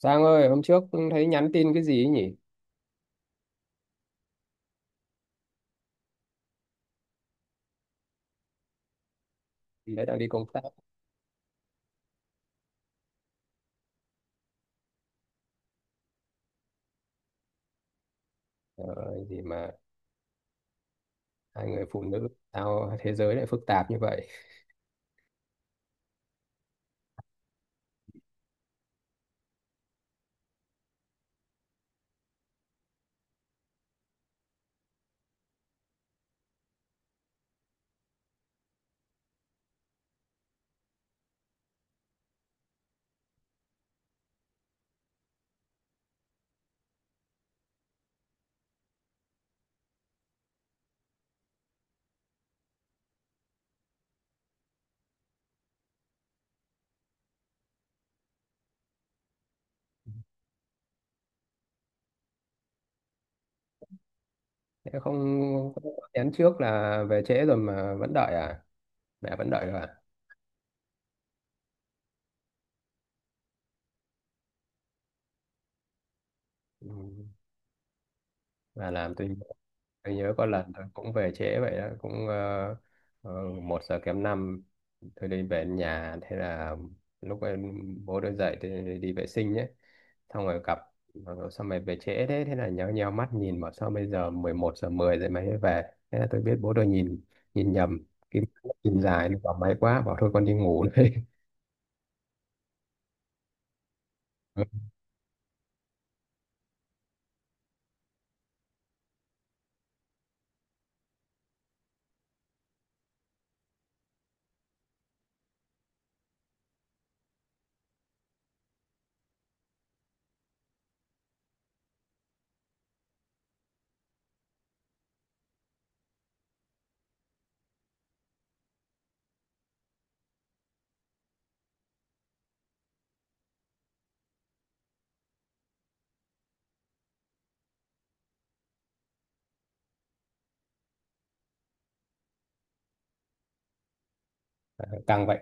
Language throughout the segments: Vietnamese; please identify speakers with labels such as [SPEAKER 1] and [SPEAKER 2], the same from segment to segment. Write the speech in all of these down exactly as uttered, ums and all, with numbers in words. [SPEAKER 1] Giang ơi, hôm trước thấy nhắn tin cái gì ấy nhỉ? Đấy đang đi công tác. Trời ơi, gì mà hai người phụ nữ sao thế giới lại phức tạp như vậy? Thế không không có nhắn trước là về trễ rồi mà vẫn đợi à? Mẹ vẫn đợi rồi à? Ừ. Mà làm tôi tôi nhớ có lần tôi cũng về trễ vậy đó, cũng ờ, ờ, một giờ kém năm tôi đi về đến nhà. Thế là lúc em bố tôi dậy thì đi vệ sinh nhé, xong rồi gặp xong rồi về trễ. Thế thế là nhéo nhéo mắt nhìn, bảo sao bây giờ mười một giờ mười rồi mày mới về. Thế là tôi biết bố tôi nhìn nhìn nhầm, cái mắt nhìn dài nó bảo máy quá, bảo thôi con đi ngủ đây. Căng vậy.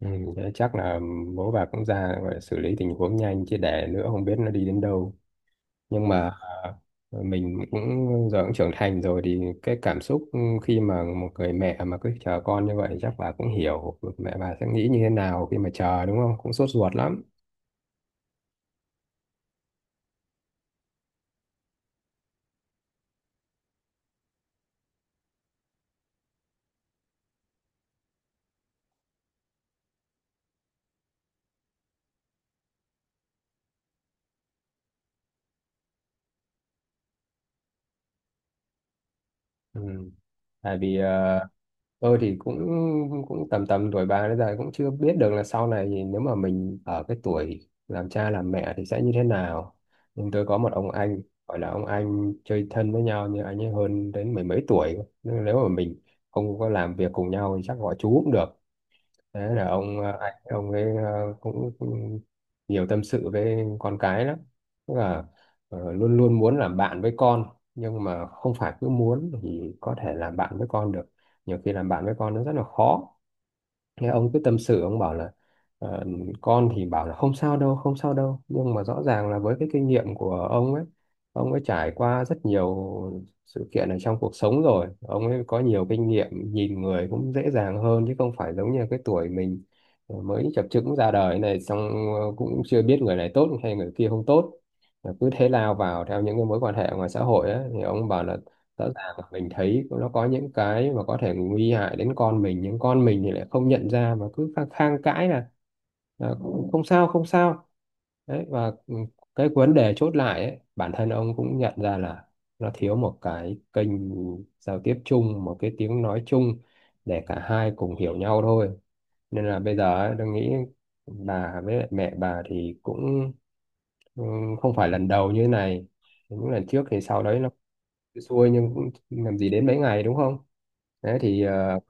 [SPEAKER 1] Ừ, thế chắc là bố bà cũng ra, gọi là xử lý tình huống nhanh chứ để nữa không biết nó đi đến đâu. Nhưng mà à, mình cũng giờ cũng trưởng thành rồi thì cái cảm xúc khi mà một người mẹ mà cứ chờ con như vậy chắc bà cũng hiểu mẹ bà sẽ nghĩ như thế nào khi mà chờ, đúng không? Cũng sốt ruột lắm. Ừ. Tại vì ờ, tôi thì cũng cũng tầm tầm tuổi bà, bây giờ cũng chưa biết được là sau này thì nếu mà mình ở cái tuổi làm cha làm mẹ thì sẽ như thế nào. Nhưng tôi có một ông anh, gọi là ông anh chơi thân với nhau nhưng anh ấy hơn đến mười mấy tuổi cơ. Nên nếu mà mình không có làm việc cùng nhau thì chắc gọi chú cũng được. Thế là ông ờ, anh ông ấy ờ, cũng, cũng nhiều tâm sự với con cái lắm, tức là ờ, luôn luôn muốn làm bạn với con. Nhưng mà không phải cứ muốn thì có thể làm bạn với con được, nhiều khi làm bạn với con nó rất là khó. Nghe ông cứ tâm sự, ông bảo là ờ, con thì bảo là không sao đâu không sao đâu, nhưng mà rõ ràng là với cái kinh nghiệm của ông ấy, ông ấy trải qua rất nhiều sự kiện ở trong cuộc sống rồi, ông ấy có nhiều kinh nghiệm, nhìn người cũng dễ dàng hơn, chứ không phải giống như cái tuổi mình ờ, mới chập chững ra đời này. Xong ờ, cũng chưa biết người này tốt hay người kia không tốt, cứ thế lao vào theo những cái mối quan hệ ngoài xã hội ấy, thì ông bảo là rõ ràng là mình thấy nó có những cái mà có thể nguy hại đến con mình, nhưng con mình thì lại không nhận ra mà cứ khang khăng cãi là, là không không sao không sao. Đấy, và ừ, cái vấn đề chốt lại ấy, bản thân ông cũng nhận ra là nó thiếu một cái kênh giao tiếp chung, một cái tiếng nói chung để cả hai cùng hiểu nhau thôi. Nên là bây giờ ấy, tôi nghĩ bà với lại mẹ bà thì cũng ừ, không phải lần đầu như thế này. Những lần trước thì sau đấy nó xuôi nhưng cũng làm gì đến mấy ngày đúng không? Thế thì ờ,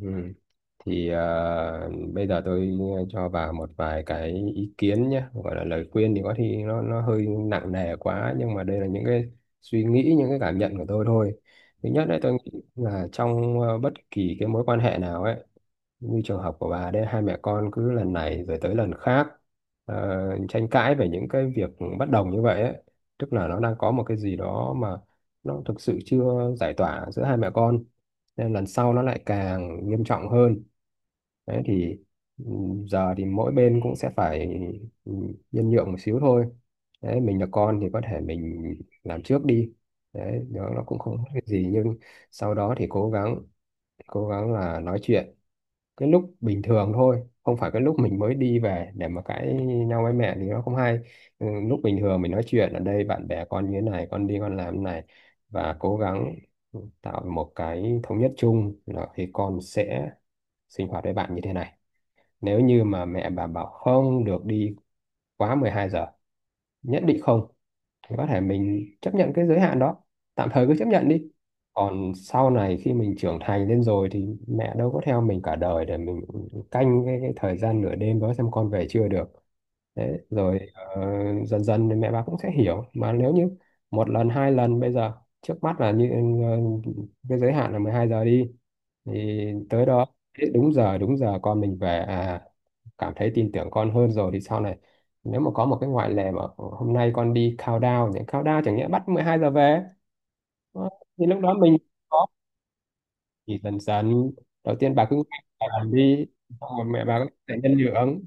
[SPEAKER 1] ừ, thì ờ, bây giờ tôi cho bà một vài cái ý kiến nhé, gọi là lời khuyên thì có khi nó nó hơi nặng nề quá, nhưng mà đây là những cái suy nghĩ, những cái cảm nhận của tôi thôi. Thứ nhất đấy, tôi nghĩ là trong ờ, bất kỳ cái mối quan hệ nào ấy, như trường hợp của bà đấy, hai mẹ con cứ lần này rồi tới lần khác ờ, tranh cãi về những cái việc bất đồng như vậy ấy. Tức là nó đang có một cái gì đó mà nó thực sự chưa giải tỏa giữa hai mẹ con, nên lần sau nó lại càng nghiêm trọng hơn. Đấy thì ừm, giờ thì mỗi bên cũng sẽ phải ừm, nhân nhượng một xíu thôi. Đấy, mình là con thì có thể mình làm trước đi, đấy đó nó cũng không có cái gì. Nhưng sau đó thì cố gắng, cố gắng là nói chuyện cái lúc bình thường thôi, không phải cái lúc mình mới đi về để mà cãi nhau với mẹ thì nó không hay. Ừ, lúc bình thường mình nói chuyện ở đây bạn bè con như thế này, con đi con làm thế này, và cố gắng tạo một cái thống nhất chung, là thì con sẽ sinh hoạt với bạn như thế này. Nếu như mà mẹ bà bảo không được đi quá mười hai giờ, nhất định không, thì có thể mình chấp nhận cái giới hạn đó, tạm thời cứ chấp nhận đi. Còn sau này khi mình trưởng thành lên rồi thì mẹ đâu có theo mình cả đời để mình canh cái, cái thời gian nửa đêm đó xem con về chưa được. Đấy, rồi ờ, dần dần thì mẹ bà cũng sẽ hiểu mà. Nếu như một lần hai lần bây giờ, trước mắt là như ờ, cái giới hạn là mười hai giờ đi, thì tới đó đúng giờ, đúng giờ con mình về, à, cảm thấy tin tưởng con hơn rồi thì sau này nếu mà có một cái ngoại lệ mà hôm nay con đi countdown, thì countdown chẳng nghĩa bắt mười hai giờ về. Đó, thì lúc đó mình có, thì dần dần, đầu tiên bà cứ, bà làm đi, xong rồi mẹ bà cũng sẽ nhân nhượng.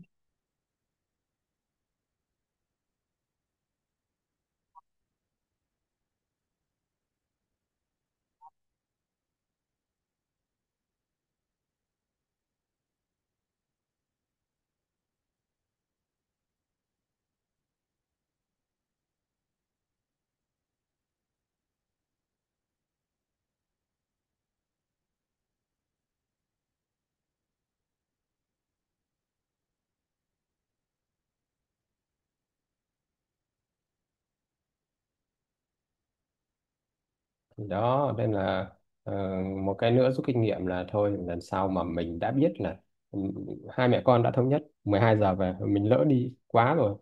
[SPEAKER 1] Thì đó nên là ờ, một cái nữa rút kinh nghiệm là thôi, lần sau mà mình đã biết là ừ, hai mẹ con đã thống nhất mười hai giờ về, mình lỡ đi quá rồi,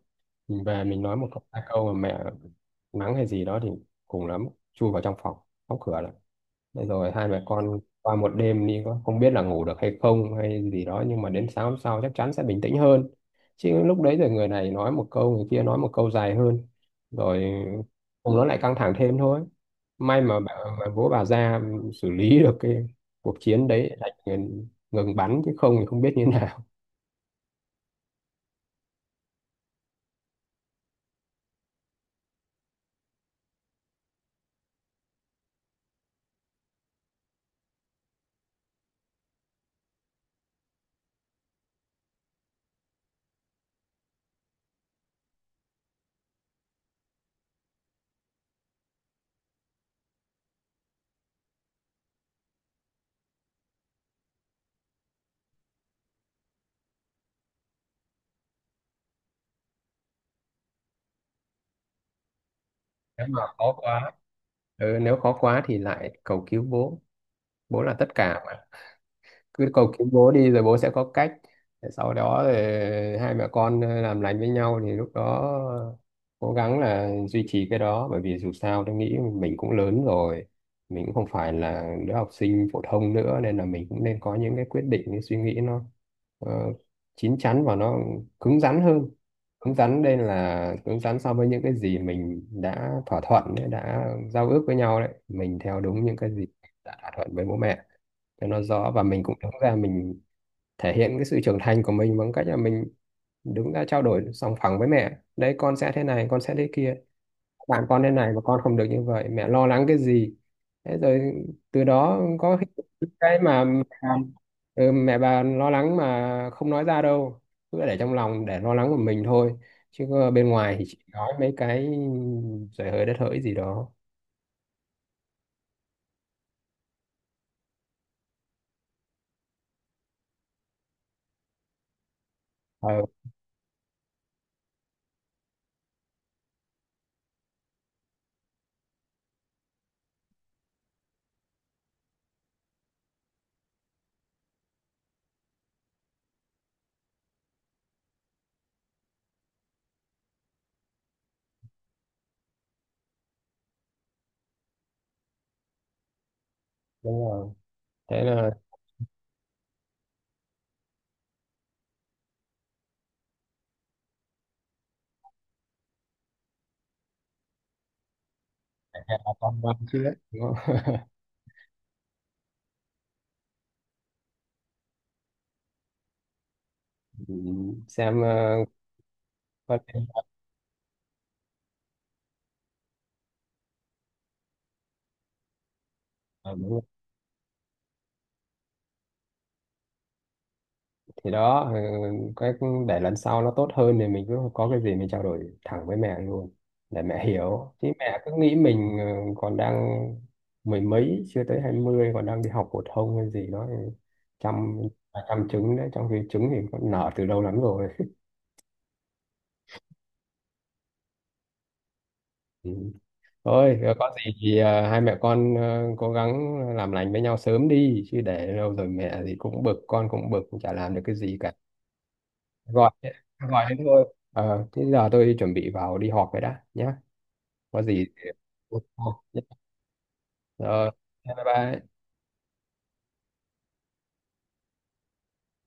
[SPEAKER 1] mình về mình nói một câu hai câu mà mẹ mắng hay gì đó thì cùng lắm chui vào trong phòng đóng cửa. Thế rồi hai mẹ con qua một đêm đi, có không biết là ngủ được hay không hay gì đó, nhưng mà đến sáng hôm sau chắc chắn sẽ bình tĩnh hơn. Chứ lúc đấy rồi người này nói một câu người kia nói một câu dài hơn, rồi cùng nó lại căng thẳng thêm thôi. May mà bà, mà bố bà ra xử lý được cái cuộc chiến đấy lại ngừng, ngừng bắn, chứ không thì không biết như thế nào. Nếu mà khó quá, ừ, nếu khó quá thì lại cầu cứu bố. Bố là tất cả, cứ cầu cứu bố đi rồi bố sẽ có cách. Để sau đó thì hai mẹ con ờ, làm lành với nhau thì lúc đó cố gắng là duy trì cái đó, bởi vì dù sao tôi nghĩ mình cũng lớn rồi, mình cũng không phải là đứa học sinh phổ thông nữa, nên là mình cũng nên có những cái quyết định, cái suy nghĩ nó ờ, chín chắn và nó cứng rắn hơn. Cứng rắn đây là cứng rắn so với những cái gì mình đã thỏa thuận ấy, đã giao ước với nhau đấy, mình theo đúng những cái gì đã thỏa thuận với bố mẹ cho nó rõ. Và mình cũng đứng ra, mình thể hiện cái sự trưởng thành của mình bằng cách là mình đứng ra trao đổi sòng phẳng với mẹ đấy, con sẽ thế này con sẽ thế kia, bạn con thế này mà con không được như vậy, mẹ lo lắng cái gì. Thế rồi từ đó có cái mà mẹ bà, ừ, mẹ bà lo lắng mà không nói ra đâu, cứ để trong lòng để lo lắng của mình thôi, chứ có bên ngoài thì chỉ nói mấy cái giời hơi đất hỡi gì đó. Ờ đúng rồi, thế là bà con ngoan chưa đấy, đúng không? Ừ, xem. ờ, Có thể. Ờ, đúng rồi. Thì đó, ờ, cái để lần sau nó tốt hơn thì mình cứ có cái gì mình trao đổi thẳng với mẹ luôn để mẹ hiểu. Chứ mẹ cứ nghĩ mình ờ, còn đang mười mấy, chưa tới hai mươi, còn đang đi học phổ thông hay gì đó, thì chăm à, chăm trứng đấy, trong khi trứng thì nó nở từ lâu lắm rồi. Ừ. Thôi, ờ, có gì thì ờ, hai mẹ con ờ, cố gắng làm lành với nhau sớm đi, chứ để lâu rồi mẹ thì cũng bực, con cũng bực, chả làm được cái gì cả. Gọi gọi thế thôi, ờ thế giờ tôi chuẩn bị vào đi họp rồi đã nhé. Có gì ờ, bye bye.